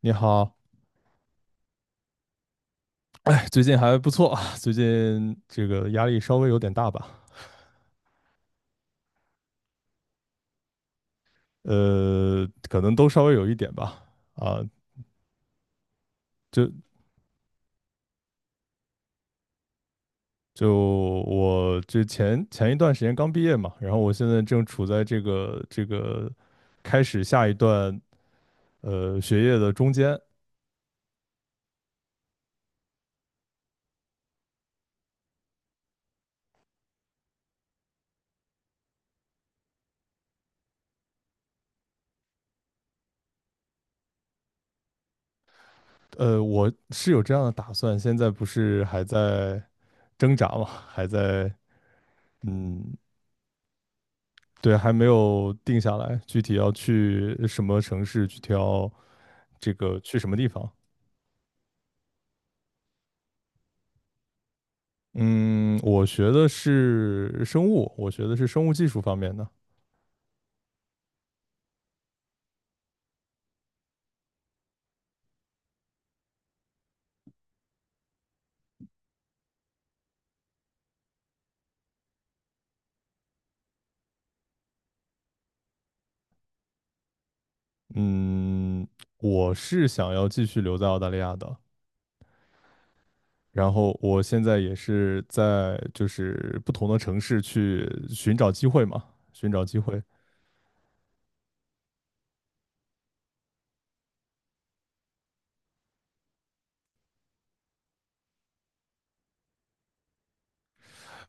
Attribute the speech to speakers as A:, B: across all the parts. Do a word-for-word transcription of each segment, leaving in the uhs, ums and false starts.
A: 你好，哎最近还不错啊，最近这个压力稍微有点大吧。呃，可能都稍微有一点吧。啊，就就我这前前一段时间刚毕业嘛，然后我现在正处在这个这个开始下一段呃学业的中间。呃，我是有这样的打算，现在不是还在挣扎嘛，还在嗯对，还没有定下来，具体要去什么城市，具体要这个去什么地方。嗯，我学的是生物，我学的是生物技术方面的。嗯，我是想要继续留在澳大利亚的，然后我现在也是在就是不同的城市去寻找机会嘛，寻找机会。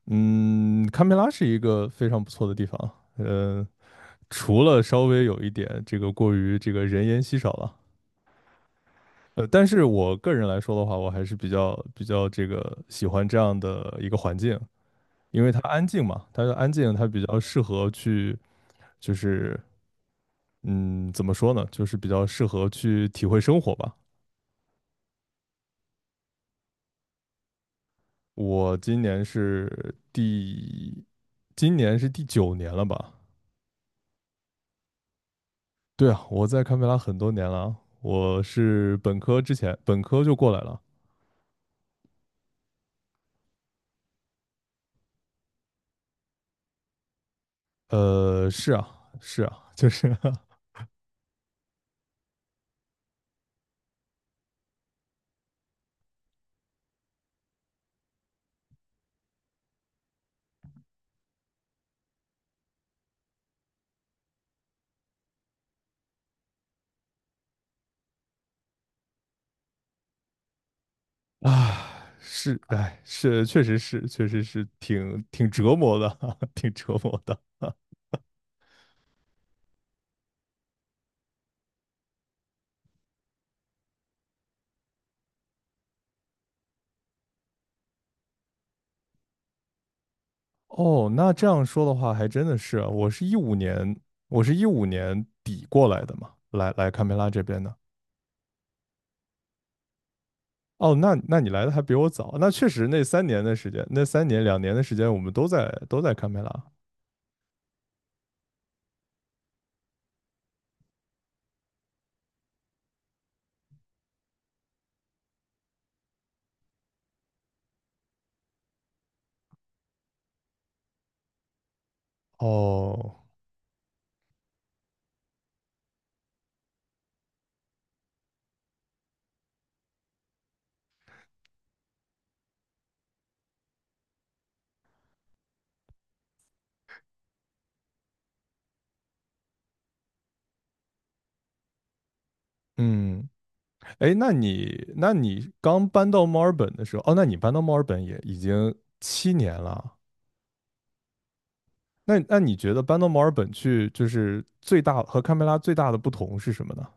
A: 嗯，堪培拉是一个非常不错的地方。呃，除了稍微有一点这个过于这个人烟稀少了。呃，但是我个人来说的话，我还是比较比较这个喜欢这样的一个环境，因为它安静嘛，它安静，它比较适合去，就是嗯，怎么说呢，就是比较适合去体会生活吧。我今年是第，今年是第九年了吧？对啊，我在堪培拉很多年了啊，我是本科之前，本科就过来了。呃，是啊，是啊，就是 啊，是，哎，是，确实是，确实是挺挺折磨的，挺折磨的。哦，那这样说的话，还真的是啊，我是一五年，我是一五年底过来的嘛，来来堪培拉这边的。哦，那那你来的还比我早，那确实那三年的时间，那三年两年的时间，我们都在都在堪培拉。哦，嗯，哎，那你那你刚搬到墨尔本的时候，哦，那你搬到墨尔本也已经七年了，那那你觉得搬到墨尔本去，就是最大和堪培拉最大的不同是什么呢？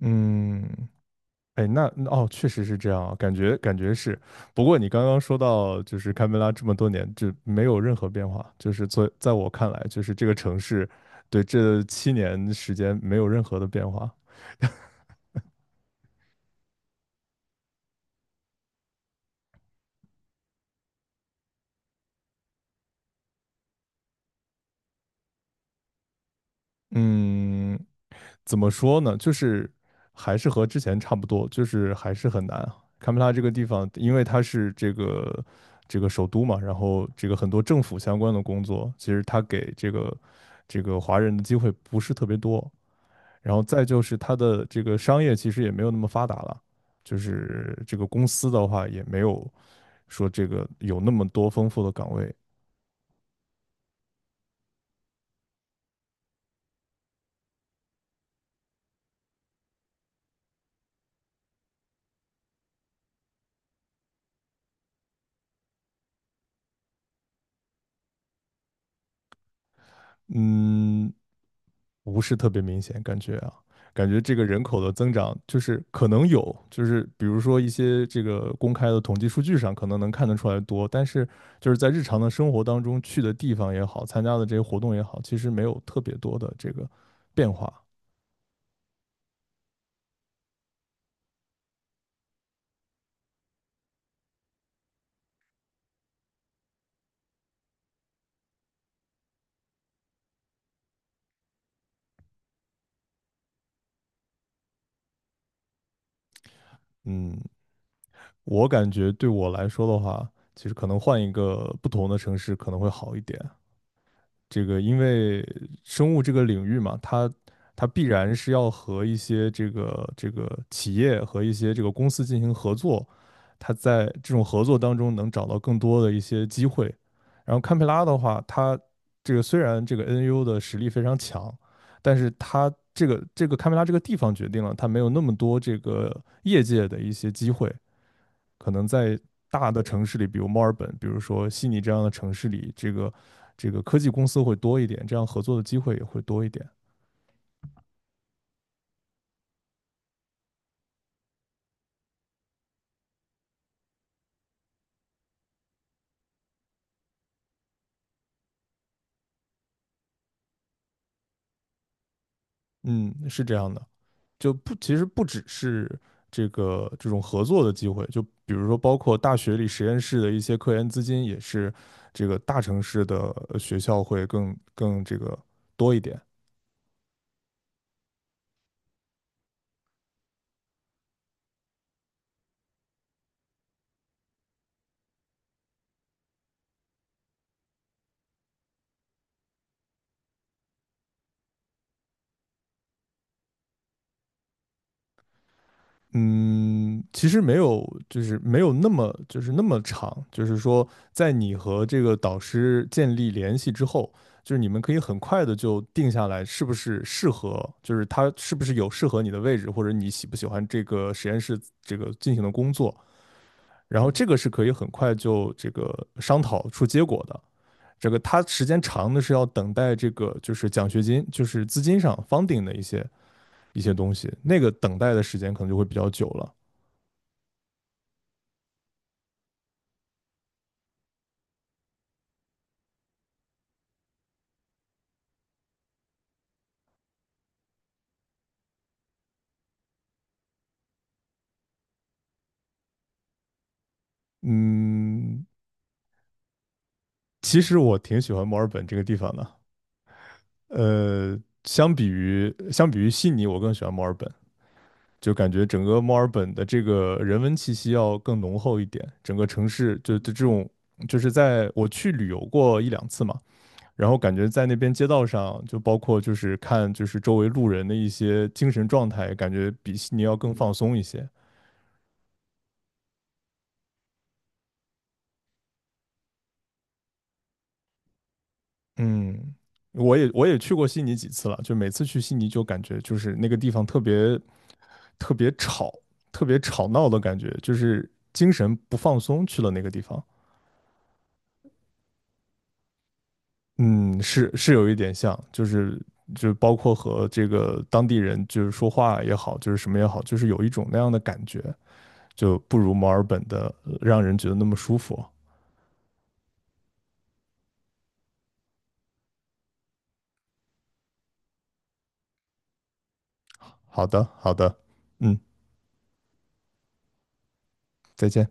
A: 嗯，哎，那哦，确实是这样啊，感觉感觉是。不过你刚刚说到，就是堪培拉这么多年就没有任何变化，就是在在我看来，就是这个城市对这七年时间没有任何的变化。嗯，怎么说呢？就是还是和之前差不多，就是还是很难啊。堪培拉这个地方，因为它是这个这个首都嘛，然后这个很多政府相关的工作，其实它给这个这个华人的机会不是特别多。然后再就是它的这个商业其实也没有那么发达了，就是这个公司的话也没有说这个有那么多丰富的岗位。嗯，不是特别明显，感觉啊，感觉这个人口的增长就是可能有，就是比如说一些这个公开的统计数据上可能能看得出来多，但是就是在日常的生活当中去的地方也好，参加的这些活动也好，其实没有特别多的这个变化。嗯，我感觉对我来说的话，其实可能换一个不同的城市可能会好一点。这个因为生物这个领域嘛，它它必然是要和一些这个这个企业和一些这个公司进行合作，它在这种合作当中能找到更多的一些机会。然后堪培拉的话，它这个虽然这个 N U 的实力非常强，但是它这个这个堪培拉这个地方决定了它没有那么多这个业界的一些机会，可能在大的城市里，比如墨尔本，比如说悉尼这样的城市里，这个这个科技公司会多一点，这样合作的机会也会多一点。嗯，是这样的，就不其实不只是这个这种合作的机会，就比如说包括大学里实验室的一些科研资金，也是这个大城市的呃学校会更更这个多一点。嗯，其实没有，就是没有那么，就是那么长，就是说，在你和这个导师建立联系之后，就是你们可以很快的就定下来，是不是适合，就是他是不是有适合你的位置，或者你喜不喜欢这个实验室这个进行的工作，然后这个是可以很快就这个商讨出结果的。这个他时间长的是要等待这个就是奖学金，就是资金上 funding 的一些一些东西，那个等待的时间可能就会比较久了。嗯，其实我挺喜欢墨尔本这个地方的。呃，相比于相比于悉尼，我更喜欢墨尔本，就感觉整个墨尔本的这个人文气息要更浓厚一点。整个城市就就这种，就是在我去旅游过一两次嘛，然后感觉在那边街道上，就包括就是看就是周围路人的一些精神状态，感觉比悉尼要更放松一些。嗯，我也我也去过悉尼几次了，就每次去悉尼就感觉就是那个地方特别特别吵，特别吵闹的感觉，就是精神不放松去了那个地方。嗯，是是有一点像，就是就包括和这个当地人就是说话也好，就是什么也好，就是有一种那样的感觉，就不如墨尔本的呃让人觉得那么舒服。好的，好的，嗯，再见。